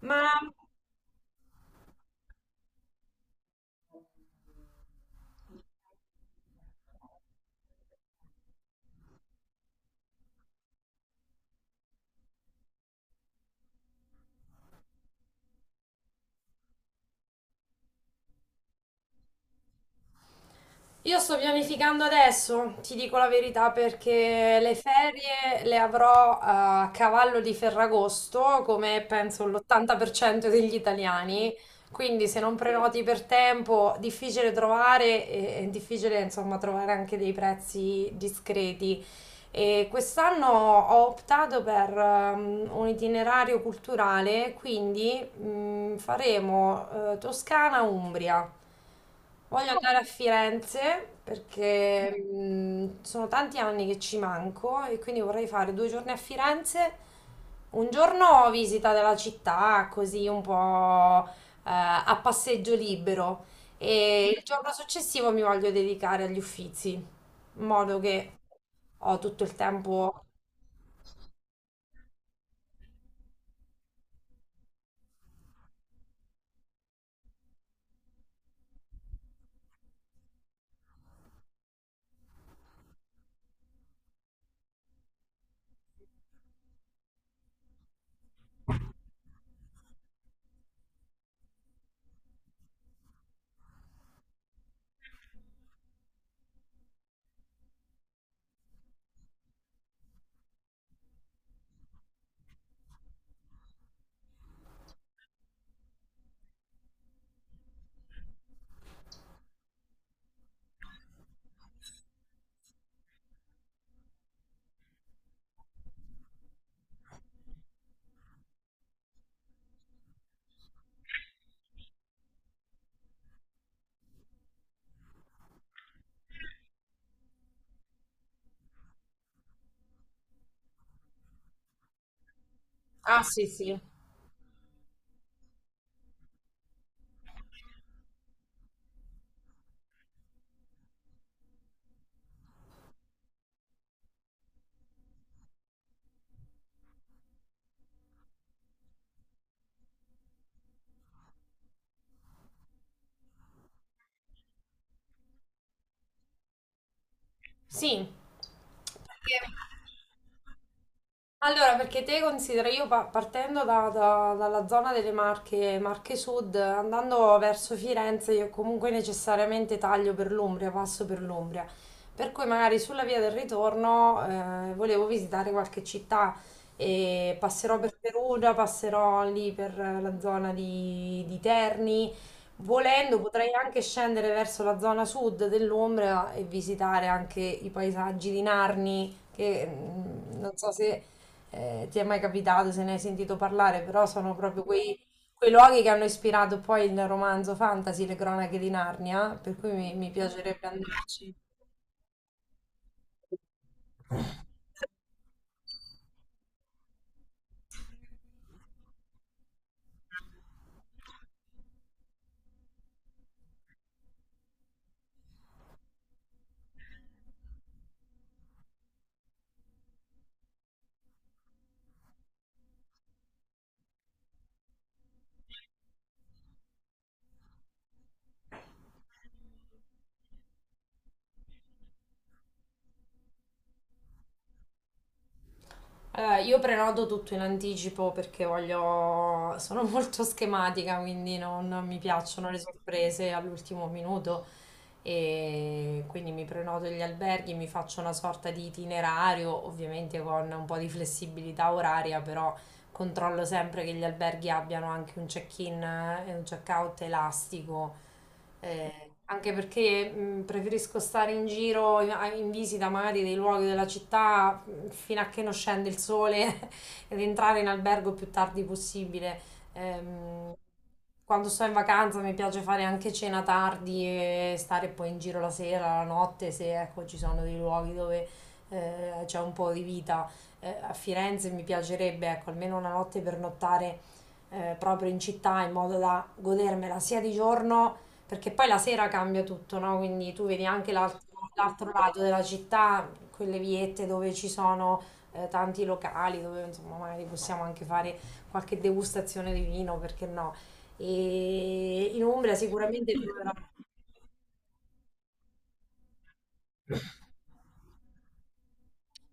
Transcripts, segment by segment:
Ma io sto pianificando adesso, ti dico la verità, perché le ferie le avrò a cavallo di Ferragosto, come penso l'80% degli italiani. Quindi se non prenoti per tempo, difficile trovare e è difficile, insomma, trovare anche dei prezzi discreti. E quest'anno ho optato per un itinerario culturale, quindi faremo Toscana-Umbria. Voglio andare a Firenze perché sono tanti anni che ci manco e quindi vorrei fare 2 giorni a Firenze, un giorno visita della città, così un po' a passeggio libero e il giorno successivo mi voglio dedicare agli Uffizi in modo che ho tutto il tempo. Ah, sì, sì. Sì. Perché... Allora, perché te considera, io partendo dalla zona delle Marche, Marche Sud, andando verso Firenze, io comunque necessariamente taglio per l'Umbria, passo per l'Umbria. Per cui magari sulla via del ritorno volevo visitare qualche città e passerò per Perugia, passerò lì per la zona di Terni. Volendo potrei anche scendere verso la zona sud dell'Umbria e visitare anche i paesaggi di Narni, che non so se ti è mai capitato se ne hai sentito parlare, però sono proprio quei luoghi che hanno ispirato poi il romanzo fantasy, Le cronache di Narnia, per cui mi piacerebbe andarci. Allora, io prenoto tutto in anticipo perché voglio... sono molto schematica, quindi non mi piacciono le sorprese all'ultimo minuto. E quindi mi prenoto gli alberghi, mi faccio una sorta di itinerario, ovviamente con un po' di flessibilità oraria, però controllo sempre che gli alberghi abbiano anche un check-in e un check-out elastico anche perché preferisco stare in giro in visita magari dei luoghi della città fino a che non scende il sole ed entrare in albergo il più tardi possibile. Ehm, Quando sto in vacanza mi piace fare anche cena tardi e stare poi in giro la sera, la notte, se ecco, ci sono dei luoghi dove c'è un po' di vita. A Firenze mi piacerebbe ecco, almeno una notte per nottare proprio in città in modo da godermela sia di giorno perché poi la sera cambia tutto, no? Quindi tu vedi anche l'altro lato della città, quelle viette dove ci sono tanti locali, dove insomma magari possiamo anche fare qualche degustazione di vino, perché no? E in Umbria sicuramente troverò.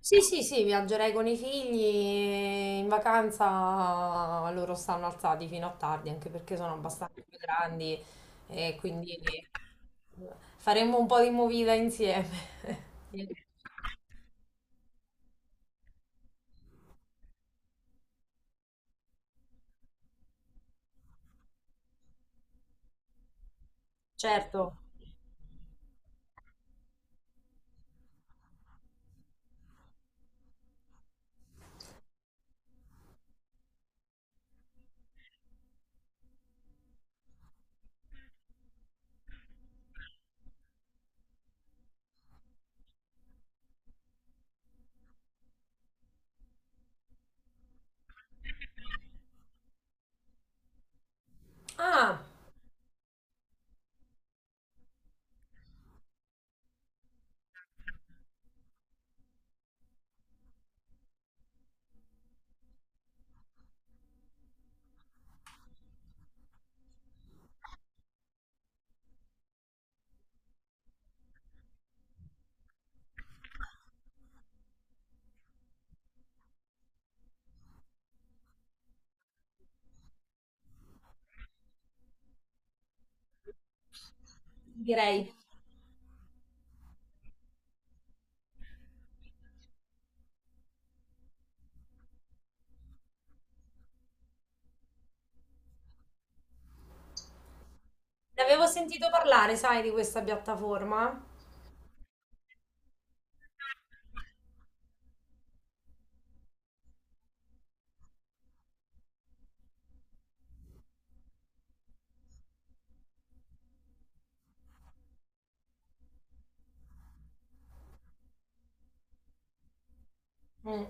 Sì, sì, sì, viaggerei con i figli e in vacanza loro stanno alzati fino a tardi, anche perché sono abbastanza grandi e quindi faremo un po' di movida insieme. Certo. Ah, direi. Ne avevo sentito parlare, sai, di questa piattaforma? Mm,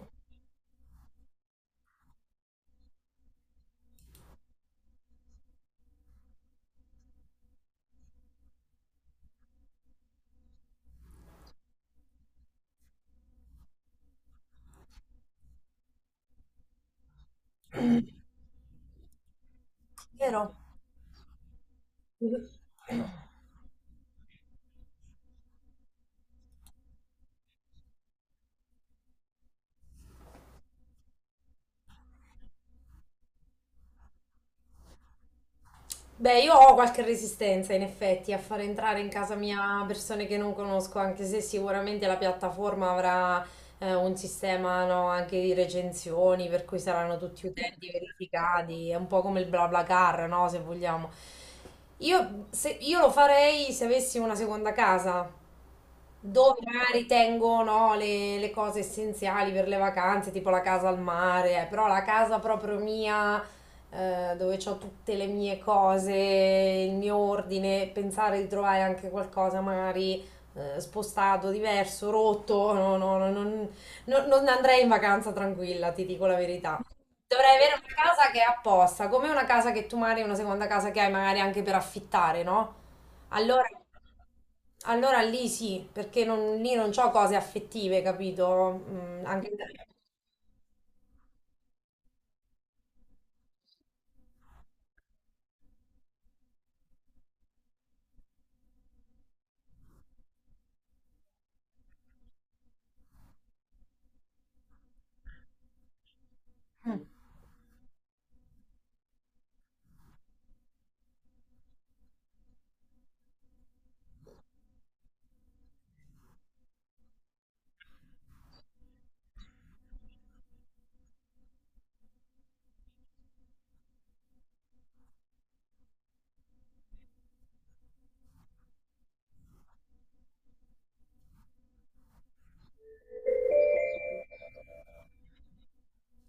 vero? Beh, io ho qualche resistenza in effetti a far entrare in casa mia persone che non conosco, anche se sicuramente la piattaforma avrà un sistema, no, anche di recensioni, per cui saranno tutti utenti verificati, è un po' come il BlaBlaCar, no, se vogliamo. Io lo farei se avessi una seconda casa, dove magari tengo no, le cose essenziali per le vacanze, tipo la casa al mare, però la casa proprio mia, dove ho tutte le mie cose, il mio ordine, pensare di trovare anche qualcosa magari spostato, diverso, rotto, no, no, no, non, non andrei in vacanza tranquilla, ti dico la verità. Dovrei avere una casa che è apposta, come una casa che tu magari, una seconda casa che hai magari anche per affittare, no? Allora, allora lì sì, perché lì non c'ho cose affettive, capito? Mm, anche...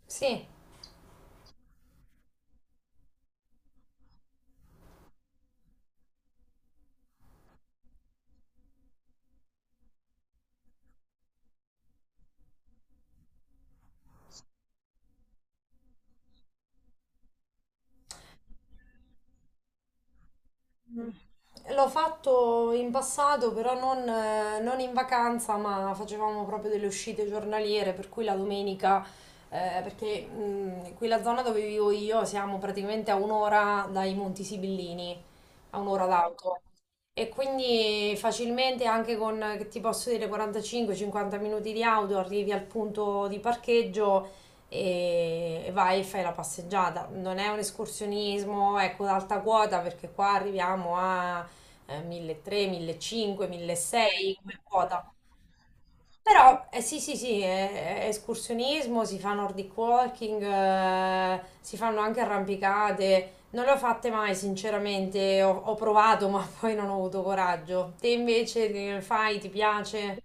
Sì, l'ho fatto in passato, però non in vacanza, ma facevamo proprio delle uscite giornaliere, per cui la domenica, perché qui la zona dove vivo io siamo praticamente a un'ora dai Monti Sibillini. A un'ora d'auto. E quindi facilmente anche con, che ti posso dire, 45-50 minuti di auto arrivi al punto di parcheggio e vai e fai la passeggiata. Non è un escursionismo, ecco, ad alta quota perché qua arriviamo a 1300, 1500, 1600 come quota. Però sì, sì, sì, è escursionismo, si fa nordic walking, si fanno anche arrampicate. Non le ho fatte mai, sinceramente, ho provato, ma poi non ho avuto coraggio. Te invece ne fai, ti piace?